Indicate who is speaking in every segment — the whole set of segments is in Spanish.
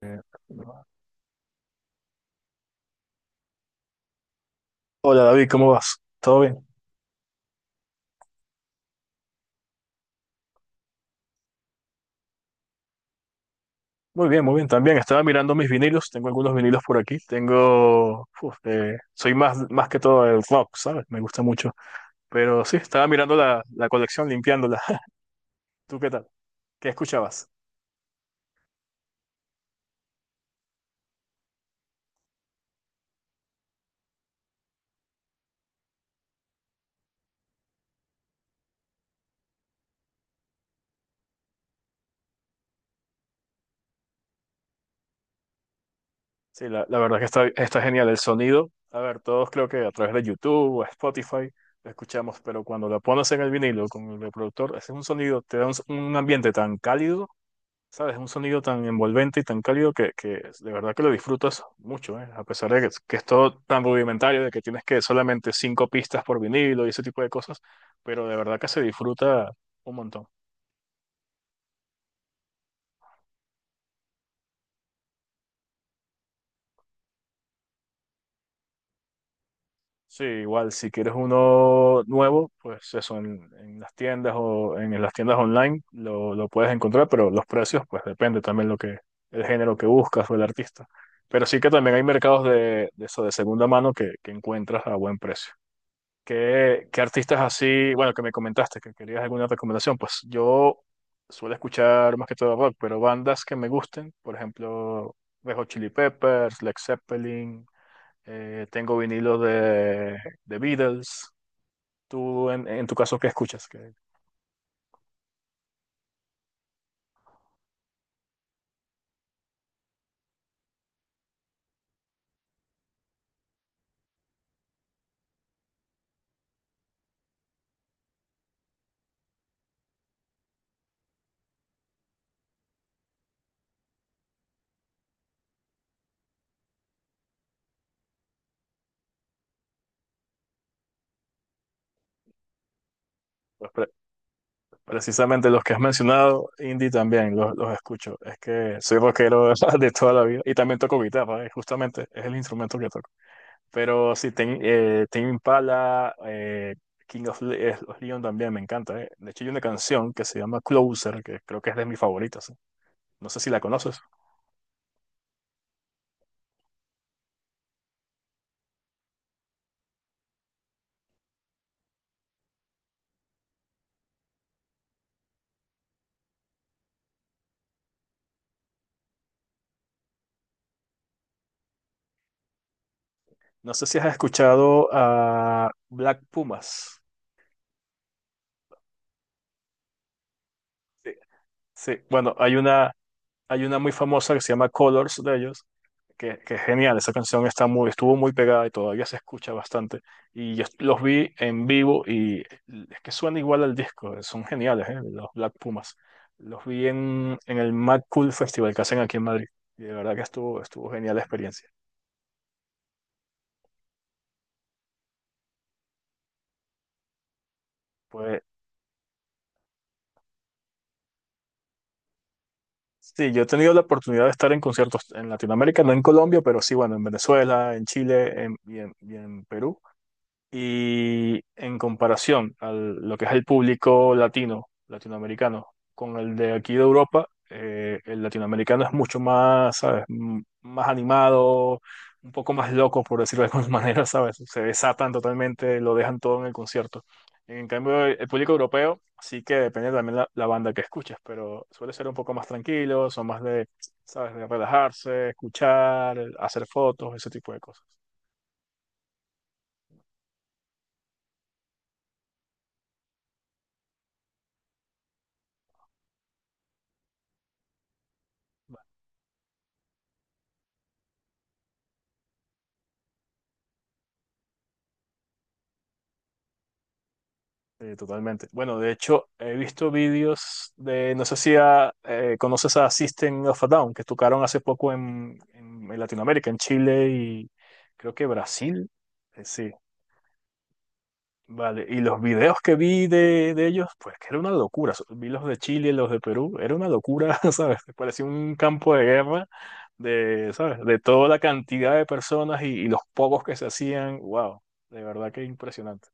Speaker 1: Eh, Hola David, ¿cómo vas? ¿Todo bien? Muy bien, muy bien. También estaba mirando mis vinilos. Tengo algunos vinilos por aquí. Tengo... soy más que todo el rock, ¿sabes? Me gusta mucho. Pero sí, estaba mirando la colección, limpiándola. ¿Tú qué tal? ¿Qué escuchabas? Sí, la verdad que está genial el sonido. A ver, todos creo que a través de YouTube o Spotify lo escuchamos, pero cuando lo pones en el vinilo con el reproductor, ese es un sonido, te da un ambiente tan cálido. ¿Sabes? Es un sonido tan envolvente y tan cálido que de verdad que lo disfrutas mucho, ¿eh? A pesar de que es todo tan rudimentario, de que tienes que solamente cinco pistas por vinilo y ese tipo de cosas, pero de verdad que se disfruta un montón. Sí, igual, si quieres uno nuevo, pues eso, en las tiendas o en las tiendas online lo puedes encontrar, pero los precios, pues depende también lo que, el género que buscas o el artista. Pero sí que también hay mercados de eso, de segunda mano que encuentras a buen precio. ¿Qué, qué artistas así, bueno, que me comentaste que querías alguna recomendación? Pues yo suelo escuchar más que todo rock, pero bandas que me gusten, por ejemplo, Red Hot Chili Peppers, Led Zeppelin, tengo vinilos de Beatles. Tú, en tu caso, ¿qué escuchas? Que, pues, precisamente los que has mencionado, indie también los escucho. Es que soy rockero de toda la vida y también toco guitarra, justamente es el instrumento que toco. Pero sí, Tame Impala, of Leon también me encanta. De hecho, hay una canción que se llama Closer, que creo que es de mis favoritas. No sé si la conoces. No sé si has escuchado a Black Pumas. Sí, sí. Bueno, hay una muy famosa que se llama Colors de ellos, que es genial. Esa canción está muy, estuvo muy pegada y todavía se escucha bastante. Y yo los vi en vivo y es que suena igual al disco. Son geniales, ¿eh? Los Black Pumas. Los vi en el Mad Cool Festival que hacen aquí en Madrid. Y de verdad que estuvo genial la experiencia. Pues sí, yo he tenido la oportunidad de estar en conciertos en Latinoamérica, no en Colombia, pero sí, bueno, en Venezuela, y y en Perú. Y en comparación a lo que es el público latino, latinoamericano, con el de aquí de Europa, el latinoamericano es mucho más, ¿sabes? Más animado, un poco más loco, por decirlo de alguna manera, ¿sabes? Se desatan totalmente, lo dejan todo en el concierto. En cambio, el público europeo sí que depende también la banda que escuches, pero suele ser un poco más tranquilo, son más de, ¿sabes? De relajarse, escuchar, hacer fotos, ese tipo de cosas. Sí, totalmente. Bueno, de hecho, he visto vídeos de, no sé si conoces a System of a Down, que tocaron hace poco en Latinoamérica, en Chile y creo que Brasil. Sí, vale. Y los videos que vi de ellos, pues que era una locura. Vi los de Chile, los de Perú, era una locura, ¿sabes? Parecía un campo de guerra de, ¿sabes? De toda la cantidad de personas y los pocos que se hacían. Wow, de verdad que impresionante.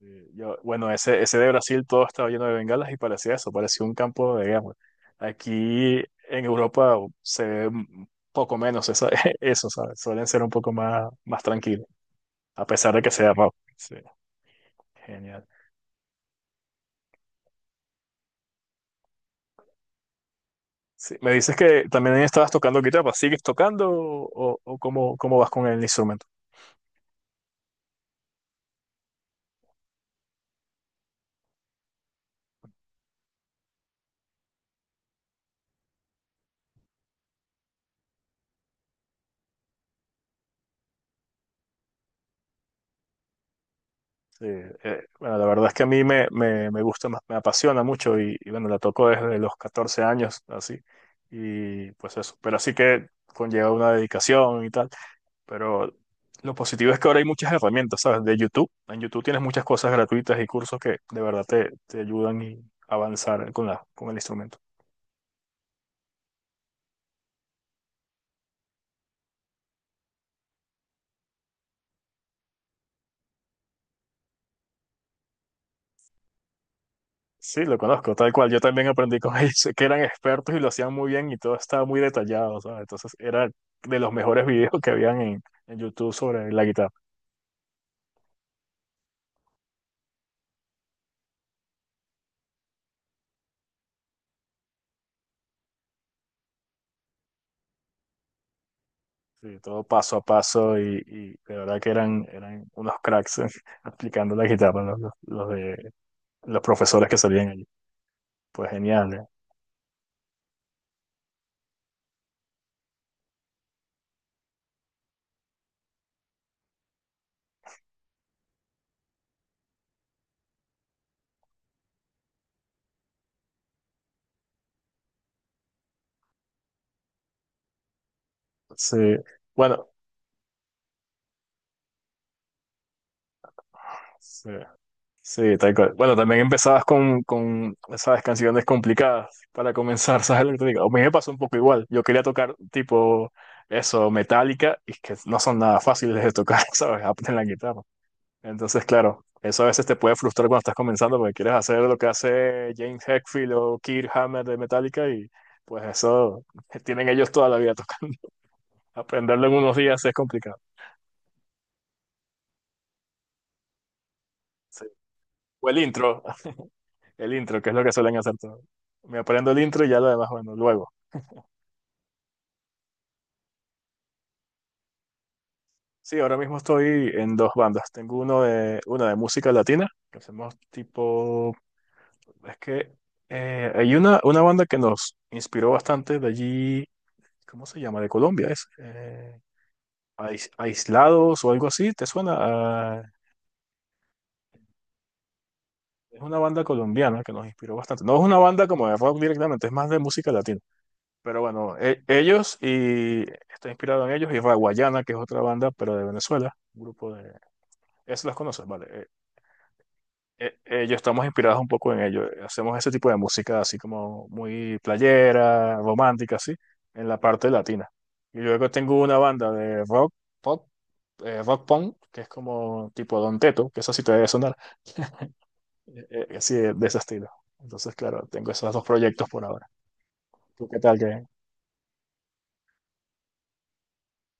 Speaker 1: Yo, bueno, ese de Brasil todo estaba lleno de bengalas y parecía eso, parecía un campo de guerra. Aquí en Europa se ve un poco menos eso, ¿sabes? Suelen ser un poco más tranquilos, a pesar de que sea rock. Sí, genial. Sí, me dices que también estabas tocando guitarra, ¿sigues tocando o cómo, cómo vas con el instrumento? Sí, bueno, la verdad es que a mí me gusta más, me apasiona mucho y bueno, la toco desde los 14 años, así, y pues eso, pero así que conlleva una dedicación y tal, pero lo positivo es que ahora hay muchas herramientas, ¿sabes? De YouTube, en YouTube tienes muchas cosas gratuitas y cursos que de verdad te ayudan y avanzar con la, con el instrumento. Sí, lo conozco, tal cual, yo también aprendí con ellos, sé que eran expertos y lo hacían muy bien y todo estaba muy detallado, ¿sabes? Entonces era de los mejores videos que habían en YouTube sobre la guitarra. Sí, todo paso a paso y de verdad que eran unos cracks aplicando la guitarra los los profesores que salían allí. Pues genial, ¿eh? Sí, bueno, sí, sí, tal cual. Bueno, también empezabas con esas canciones complicadas para comenzar, ¿sabes lo que te digo? A mí me pasó un poco igual. Yo quería tocar tipo eso, metálica y es que no son nada fáciles de tocar, ¿sabes? Aprender la guitarra. Entonces, claro, eso a veces te puede frustrar cuando estás comenzando porque quieres hacer lo que hace James Hetfield o Kirk Hammett de Metallica y pues eso tienen ellos toda la vida tocando. Aprenderlo en unos días es complicado. Sí. O el intro, el intro, que es lo que suelen hacer todos. Me aprendo el intro y ya lo demás, bueno, luego. Sí, ahora mismo estoy en dos bandas. Tengo una de música latina, que hacemos tipo, es que hay una banda que nos inspiró bastante de allí, ¿cómo se llama? De Colombia, es. Aislados o algo así, ¿te suena? Ah, es una banda colombiana que nos inspiró bastante. No es una banda como de rock directamente, es más de música latina. Pero bueno, ellos y está inspirado en ellos y Raguayana, que es otra banda, pero de Venezuela, un grupo de... Eso las conoces, vale. Ellos estamos inspirados un poco en ellos. Hacemos ese tipo de música así como muy playera, romántica, así, en la parte latina. Y luego tengo una banda de rock, pop, rock punk, que es como tipo Don Teto, que eso sí te debe sonar. Así de ese estilo. Entonces, claro, tengo esos dos proyectos por ahora. ¿Tú qué tal, qué?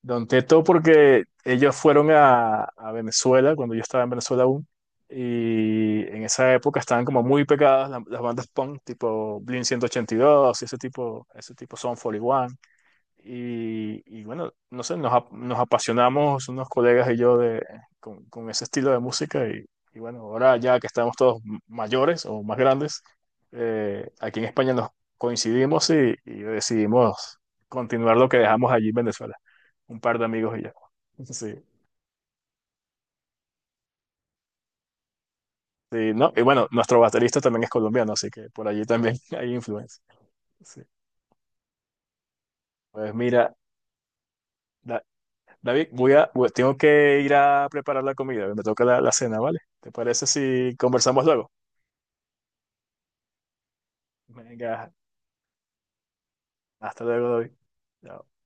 Speaker 1: Don Teto, porque ellos fueron a Venezuela, cuando yo estaba en Venezuela aún, y en esa época estaban como muy pegadas las bandas punk, tipo Blink 182 y ese tipo Son 41. Y bueno, no sé, nos apasionamos unos colegas y yo de, con ese estilo de música y bueno, ahora ya que estamos todos mayores o más grandes, aquí en España nos coincidimos y decidimos continuar lo que dejamos allí en Venezuela, un par de amigos y yo. Sí, sí, ¿no? Y bueno, nuestro baterista también es colombiano, así que por allí también hay influencia. Sí. Pues mira, David, tengo que ir a preparar la comida, me toca la cena, ¿vale? ¿Te parece si conversamos luego? Venga, hasta luego, David. Chao.